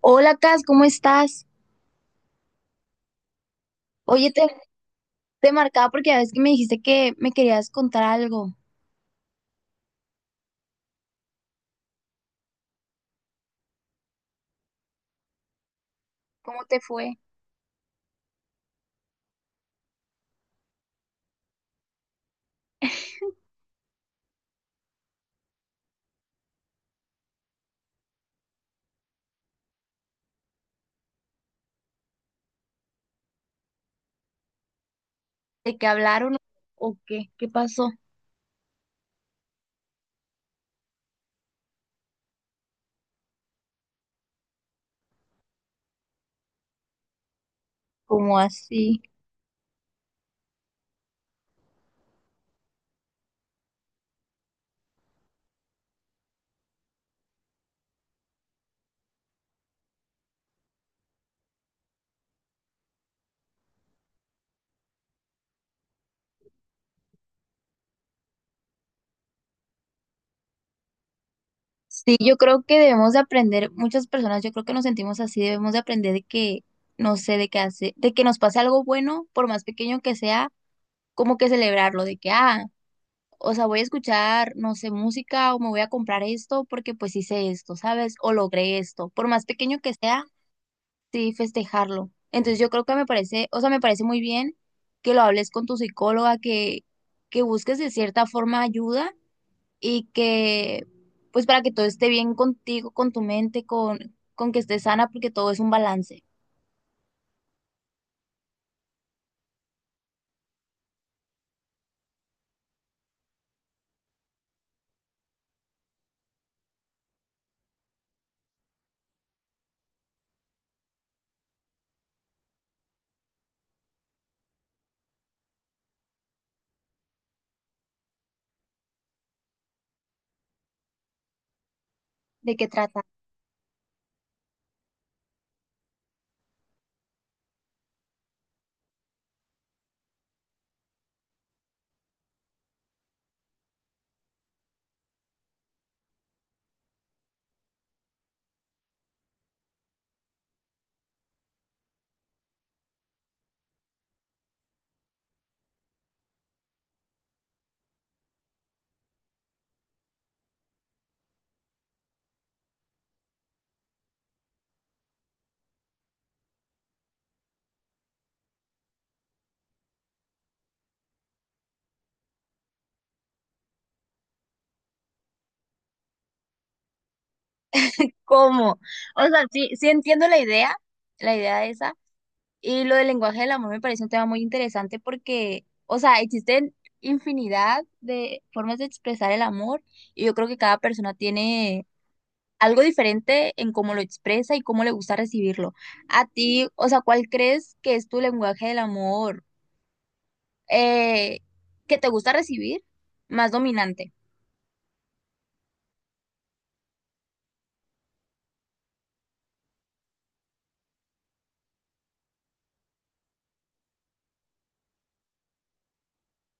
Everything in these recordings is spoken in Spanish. Hola, Cas, ¿cómo estás? Oye, te marcaba porque a veces que me dijiste que me querías contar algo. ¿Cómo te fue? ¿De qué hablaron o qué? ¿Qué pasó? ¿Cómo así? Sí, yo creo que debemos de aprender, muchas personas, yo creo que nos sentimos así, debemos de aprender de que, no sé, de que nos pase algo bueno, por más pequeño que sea, como que celebrarlo, de que, ah, o sea, voy a escuchar, no sé, música o me voy a comprar esto porque pues hice esto, ¿sabes? O logré esto, por más pequeño que sea sí festejarlo. Entonces yo creo que me parece, o sea, me parece muy bien que lo hables con tu psicóloga, que busques de cierta forma ayuda y que, pues para que todo esté bien contigo, con tu mente, con que estés sana, porque todo es un balance. ¿De qué trata? ¿Cómo? O sea, sí, sí entiendo la idea esa. Y lo del lenguaje del amor me parece un tema muy interesante porque, o sea, existen infinidad de formas de expresar el amor y yo creo que cada persona tiene algo diferente en cómo lo expresa y cómo le gusta recibirlo. A ti, o sea, ¿cuál crees que es tu lenguaje del amor eh, que te gusta recibir más dominante?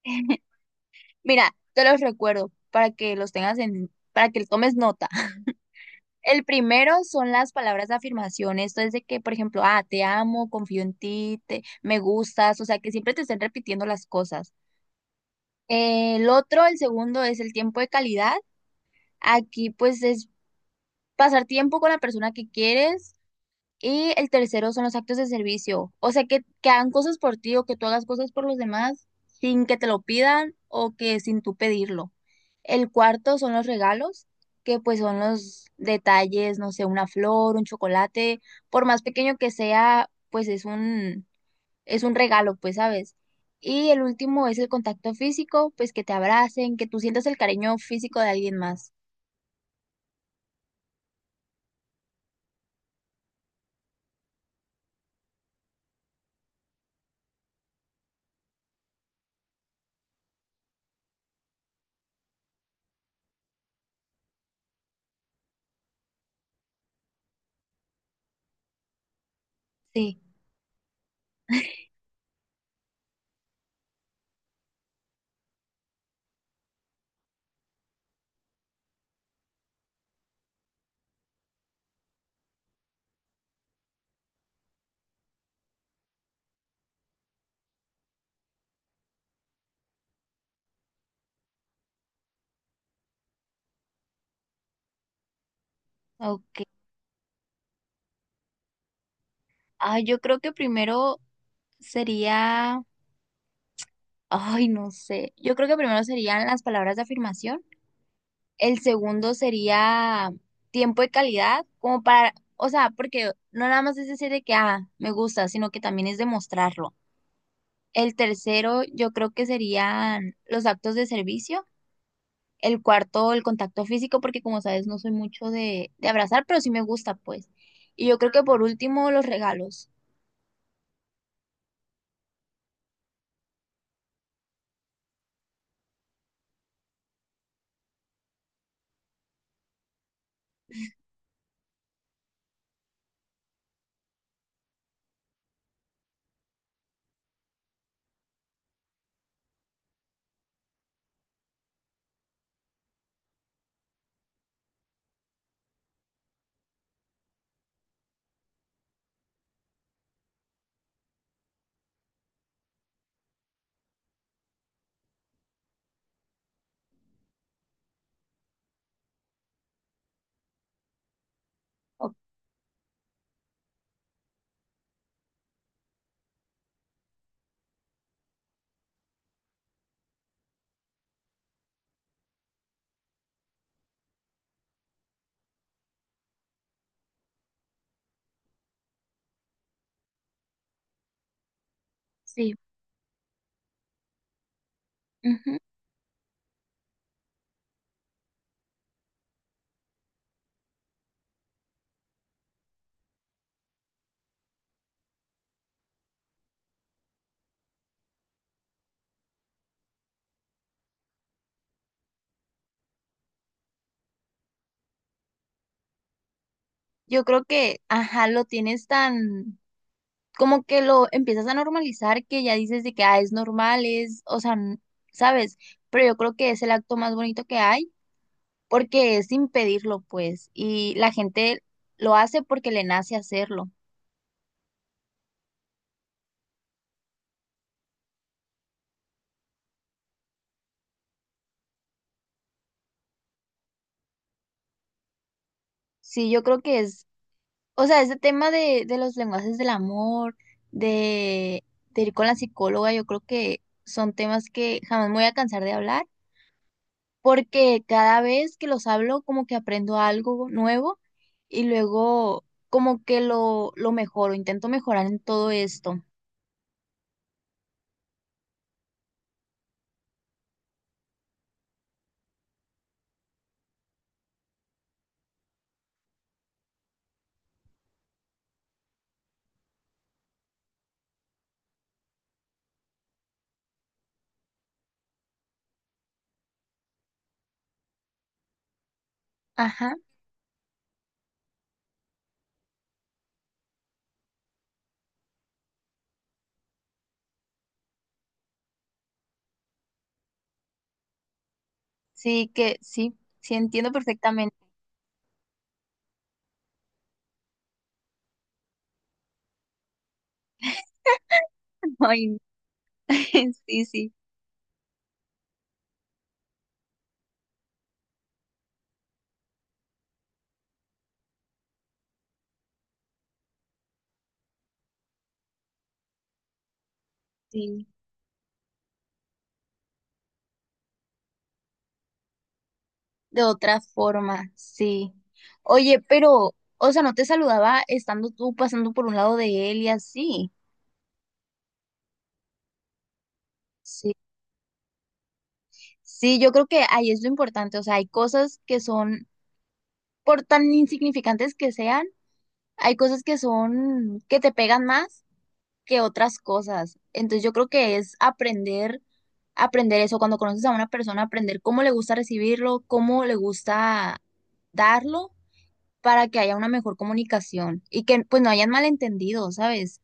Mira, te los recuerdo para que los tengas en, para que tomes nota. El primero son las palabras de afirmación. Esto es de que, por ejemplo, ah, te amo, confío en ti, te, me gustas, o sea, que siempre te estén repitiendo las cosas. El otro, el segundo, es el tiempo de calidad. Aquí, pues, es pasar tiempo con la persona que quieres. Y el tercero son los actos de servicio. O sea, que hagan cosas por ti o que tú hagas cosas por los demás sin que te lo pidan o que sin tú pedirlo. El cuarto son los regalos, que pues son los detalles, no sé, una flor, un chocolate, por más pequeño que sea, pues es un regalo, pues, ¿sabes? Y el último es el contacto físico, pues que te abracen, que tú sientas el cariño físico de alguien más. Sí, ok. Ay, yo creo que primero sería, ay, no sé, yo creo que primero serían las palabras de afirmación, el segundo sería tiempo de calidad, como para, o sea, porque no nada más es decir de que, ah, me gusta, sino que también es demostrarlo. El tercero, yo creo que serían los actos de servicio, el cuarto, el contacto físico, porque como sabes, no soy mucho de abrazar, pero sí me gusta, pues. Y yo creo que por último, los regalos. O- sí. Yo creo que, ajá, lo tienes tan, como que lo empiezas a normalizar que ya dices de que, ah, es normal, es, o sea, n- ¿sabes? Pero yo creo que es el acto más bonito que hay porque es sin pedirlo, pues, y la gente lo hace porque le nace hacerlo. Sí, yo creo que es, o sea, ese tema de los lenguajes del amor, de, de ir con la psicóloga, yo creo que son temas que jamás me voy a cansar de hablar porque cada vez que los hablo como que aprendo algo nuevo y luego como que lo mejoro, intento mejorar en todo esto. Ajá, sí que sí, sí entiendo perfectamente. Ay, sí, sí, sí, de otra forma, sí. Oye, pero, o sea, no te saludaba estando tú pasando por un lado de él y así. Sí, sí, yo creo que ahí es lo importante, o sea, hay cosas que son, por tan insignificantes que sean, hay cosas que son, que te pegan más que otras cosas. Entonces yo creo que es aprender, aprender eso, cuando conoces a una persona, aprender cómo le gusta recibirlo, cómo le gusta darlo, para que haya una mejor comunicación y que pues no hayan malentendido, ¿sabes?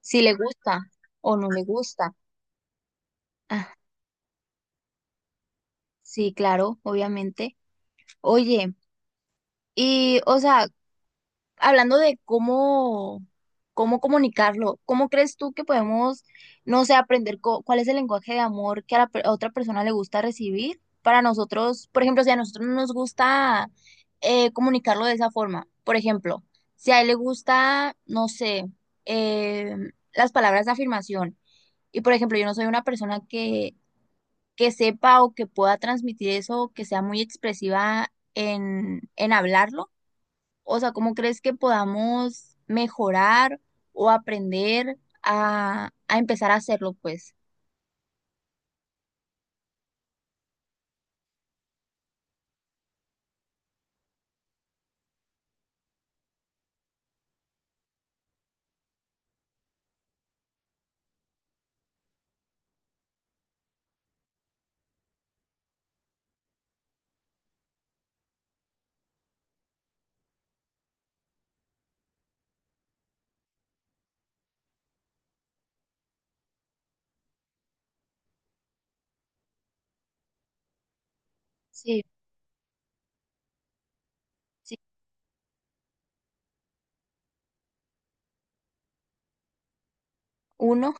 Si le gusta o no le gusta. Ah, sí, claro, obviamente. Oye, y o sea, hablando de cómo, cómo comunicarlo, ¿cómo crees tú que podemos, no sé, aprender co- cuál es el lenguaje de amor que a, la per- a otra persona le gusta recibir? Para nosotros, por ejemplo, si a nosotros no nos gusta comunicarlo de esa forma, por ejemplo, si a él le gusta, no sé, eh, las palabras de afirmación, y por ejemplo, yo no soy una persona que sepa o que pueda transmitir eso, que sea muy expresiva en hablarlo. O sea, ¿cómo crees que podamos mejorar o aprender a empezar a hacerlo, pues? Sí, sí. Uno,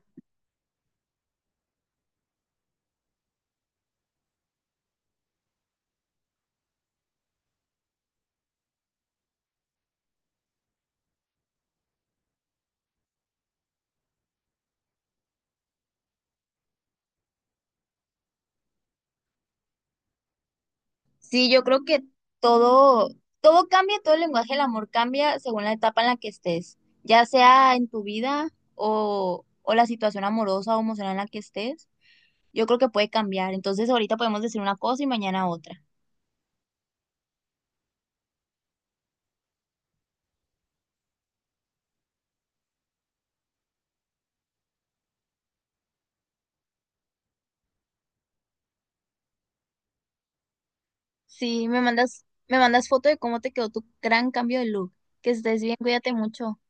sí, yo creo que todo, todo cambia, todo el lenguaje del amor cambia según la etapa en la que estés, ya sea en tu vida o la situación amorosa o emocional en la que estés, yo creo que puede cambiar. Entonces ahorita podemos decir una cosa y mañana otra. Sí, me mandas foto de cómo te quedó tu gran cambio de look. Que estés bien, cuídate mucho.